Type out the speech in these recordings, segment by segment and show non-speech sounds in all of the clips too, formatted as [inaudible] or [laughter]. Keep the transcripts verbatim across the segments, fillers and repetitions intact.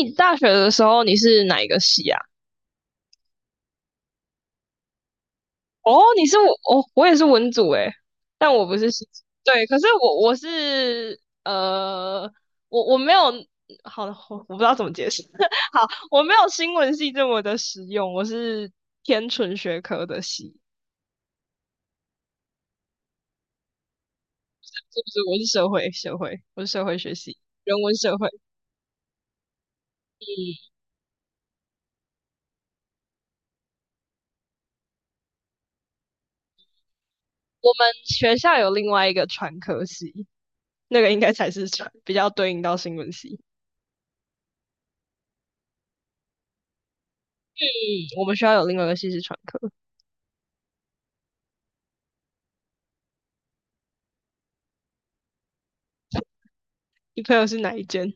你大学的时候你是哪一个系啊？哦，你是我，哦，我也是文组诶，但我不是系，对，可是我我是呃，我我没有，好，我我不知道怎么解释，[laughs] 好，我没有新闻系这么的实用，我是偏纯学科的系，是不是？我是社会社会，我是社会学系，人文社会，嗯，我们学校有另外一个传科系，那个应该才是传，比较对应到新闻系，嗯，我们学校有另外一个系是传科。你朋友是哪一间？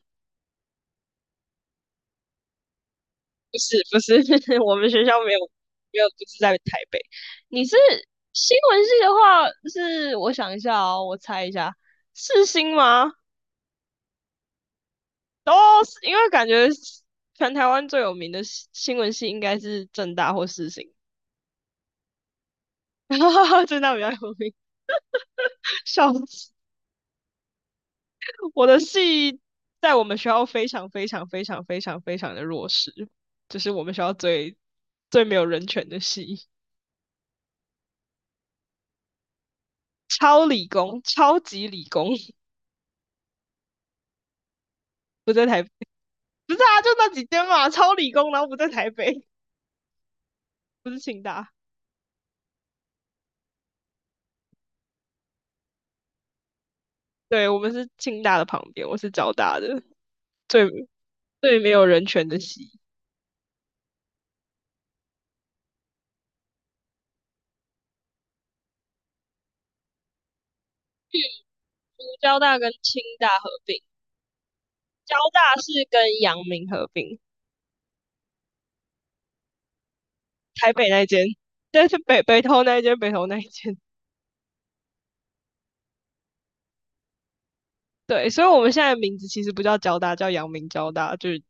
不是不是，[laughs] 我们学校没有没有，不是在台北。你是新闻系的话，是我想一下哦，我猜一下，世新吗？哦，是因为感觉全台湾最有名的新新闻系应该是正大或世新，[laughs] 正大比较有名。笑死，我的系在我们学校非常非常非常非常非常的弱势，就是我们学校最最没有人权的系，超理工，超级理工。不在台，不是啊，就那几间嘛，超理工，然后不在台北，不是清大，对，我们是清大的旁边，我是交大的，最最没有人权的系，就是交大跟清大合并，交大是跟阳明合并，台北那间，但是北北投那一间，北投那一间，对，所以我们现在的名字其实不叫交大，叫阳明交大，就是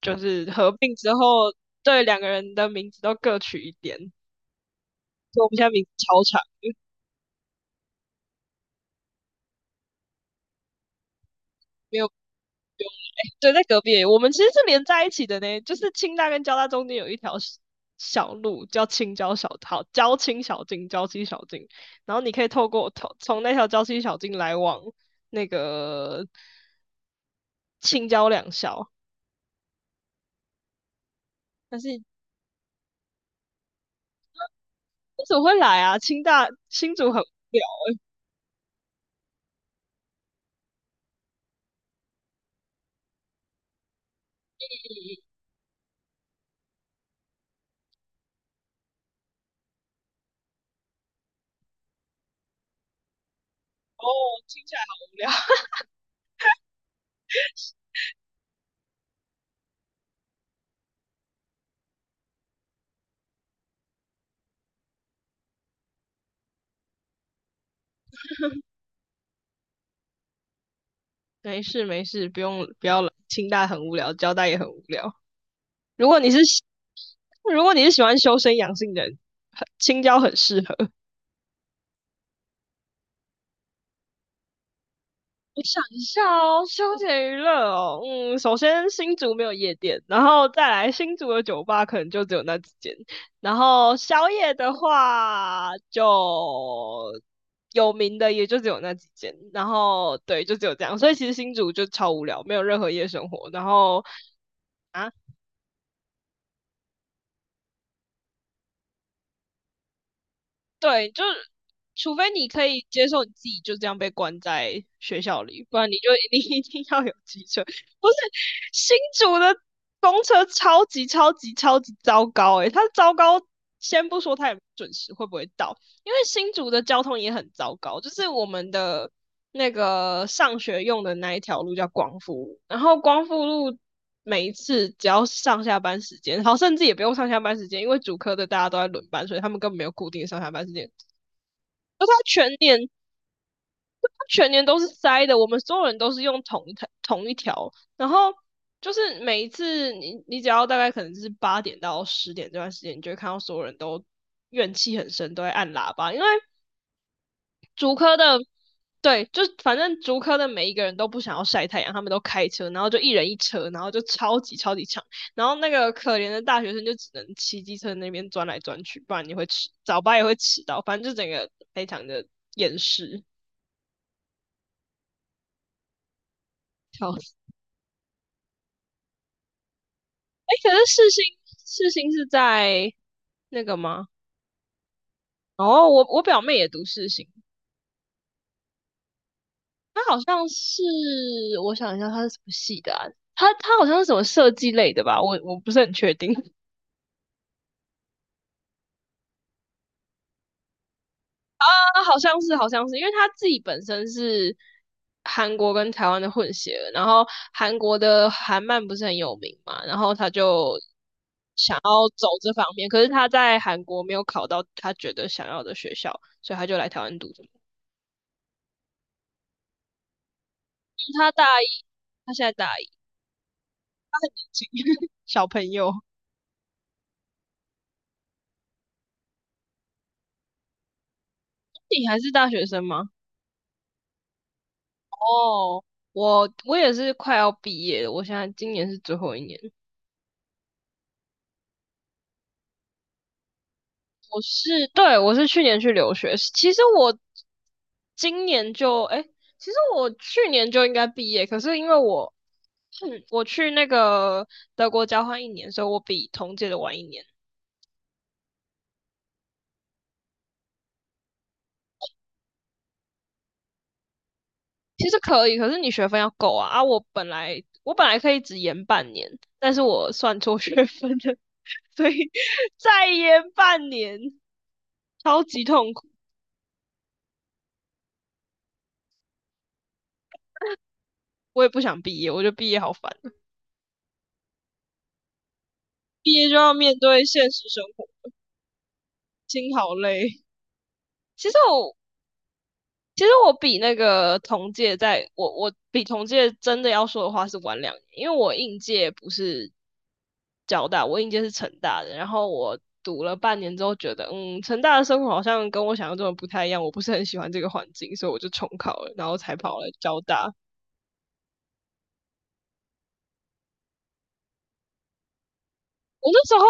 就是合并之后，对两个人的名字都各取一点，所以我们现在名字超长，没有对，在隔壁而已我们其实是连在一起的呢，就是清大跟交大中间有一条小小路叫青交小，好，交青小径、交七小径，然后你可以透过从从那条交七小径来往那个青交两校。但是为什么会来啊？清大新竹很无聊哦，听起来好无聊。[laughs] 没事没事，不用不要来，清大很无聊，交大也很无聊。如果你是喜如果你是喜欢修身养性的人，很青交很适合。我想一下哦，休闲娱乐哦，嗯，首先新竹没有夜店，然后再来新竹的酒吧可能就只有那几间，然后宵夜的话就有名的也就只有那几间，然后对，就只有这样，所以其实新竹就超无聊，没有任何夜生活，然后啊，对，就是除非你可以接受你自己就这样被关在学校里，不然你就你 [laughs] 一定要有机车。不是新竹的公车超级超级超级糟糕诶、它糟糕，先不说它也准时会不会到，因为新竹的交通也很糟糕，就是我们的那个上学用的那一条路叫光复路，然后光复路每一次只要上下班时间，好，甚至也不用上下班时间，因为主科的大家都在轮班，所以他们根本没有固定上下班时间。而他全年，他全年都是塞的，我们所有人都是用同一条同一条，然后就是每一次你你只要大概可能是八点到十点这段时间，你就会看到所有人都怨气很深，都会按喇叭，因为竹科的，对，就反正竹科的每一个人都不想要晒太阳，他们都开车，然后就一人一车，然后就超级超级长，然后那个可怜的大学生就只能骑机车那边钻来钻去，不然你会迟，早八也会迟到，反正就整个非常的厌世。笑死！哎，可是世新世新是在那个吗？哦，我我表妹也读世新，她好像是我想一下，她是什么系的啊？她她好像是什么设计类的吧？我我不是很确定。那好像是，好像是，因为他自己本身是韩国跟台湾的混血儿然后韩国的韩漫不是很有名嘛，然后他就想要走这方面，可是他在韩国没有考到他觉得想要的学校，所以他就来台湾读这个嗯他大一，他现在大一，[laughs] 小朋友，你还是大学生吗？哦，我我也是快要毕业了，我现在今年是最后一年。我是，对，我是去年去留学。其实我今年就，哎，其实我去年就应该毕业，可是因为我，嗯我去那个德国交换一年，所以我比同届的晚一年。其实可以，可是你学分要够啊。啊，我本来我本来可以只延半年，但是我算错学分了，所以 [laughs] 再延半年，超级痛苦。我也不想毕业，我觉得毕业好烦，毕业就要面对现实生活，心好累。其实我其实我比那个同届在，在我我比同届真的要说的话是晚两年，因为我应届不是交大，我应届是成大的，然后我读了半年之后觉得，嗯，成大的生活好像跟我想象中的不太一样，我不是很喜欢这个环境，所以我就重考了，然后才跑了交大。我那时候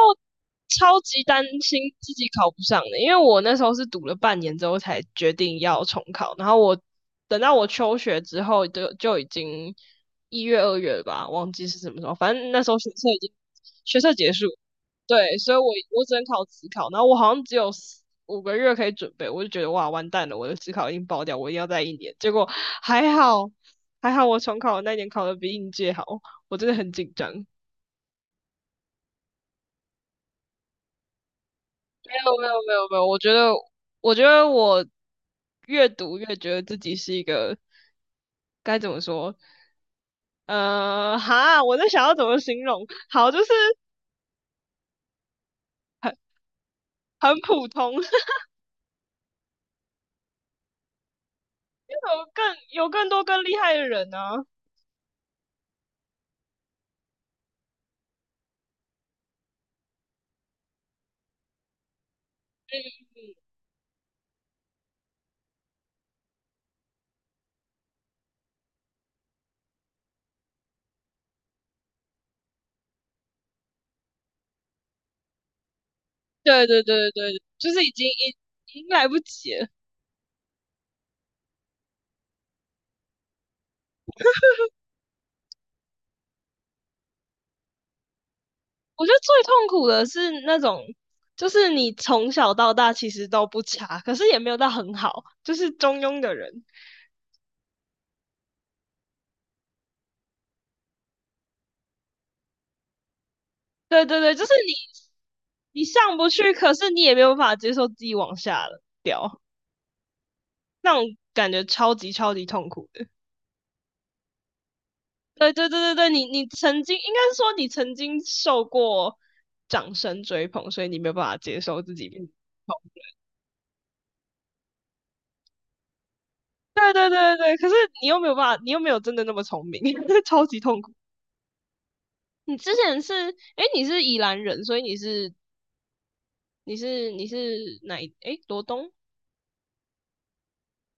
超级担心自己考不上的，因为我那时候是读了半年之后才决定要重考，然后我等到我休学之后就就已经一月二月了吧，忘记是什么时候，反正那时候学测已经学测结束，对，所以我我只能考职考，然后我好像只有四五个月可以准备，我就觉得哇完蛋了，我的职考已经爆掉，我一定要再一年，结果还好还好我重考的那一年考的比应届好，我真的很紧张。没有没有没有没有，我觉得我觉得我越读越觉得自己是一个该怎么说？呃，哈，我在想要怎么形容？好，就是很很普通，[laughs] 有更有更多更厉害的人呢、啊对对对对对，就是已经已已经来不及了。我觉得最痛苦的是那种，就是你从小到大其实都不差，可是也没有到很好，就是中庸的人。对对对，就是你你上不去，可是你也没有办法接受自己往下了掉，那种感觉超级超级痛苦的。对对对对对，你你曾经应该是说你曾经受过掌声追捧，所以你没有办法接受自己变痛。对对对对对，可是你又没有办法，你又没有真的那么聪明，[laughs] 超级痛苦。你之前是，诶，你是宜兰人，所以你是你是你是哪一？诶，罗东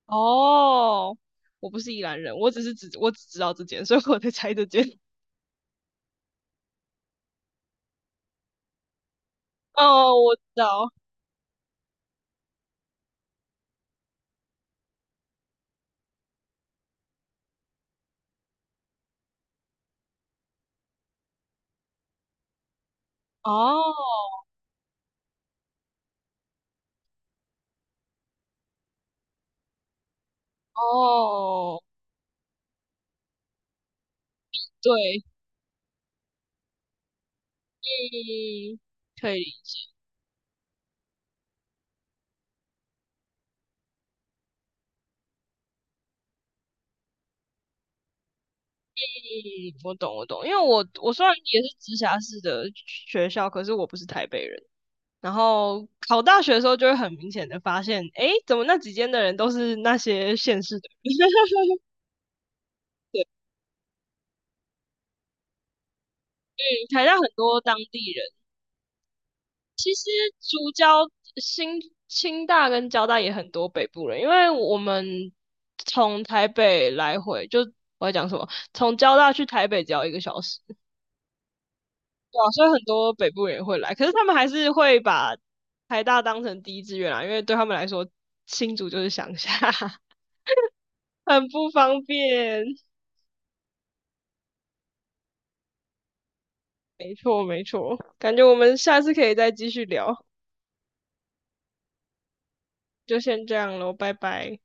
哦，我不是宜兰人，我只是只我只知道这间，所以我在猜这间。[laughs] 哦，我知道。哦哦，对，嗯，可以，嗯，我懂我懂，因为我我虽然也是直辖市的学校，可是我不是台北人。然后考大学的时候，就会很明显的发现，诶，怎么那几间的人都是那些县市的人？[laughs] 对，嗯，台大很多当地人。竹交新清大跟交大也很多北部人，因为我们从台北来回就我在讲什么，从交大去台北只要一个小时，对啊，所以很多北部人也会来，可是他们还是会把台大当成第一志愿啊，因为对他们来说新竹就是乡下，[laughs] 很不方便。没错没错，感觉我们下次可以再继续聊，就先这样喽，拜拜。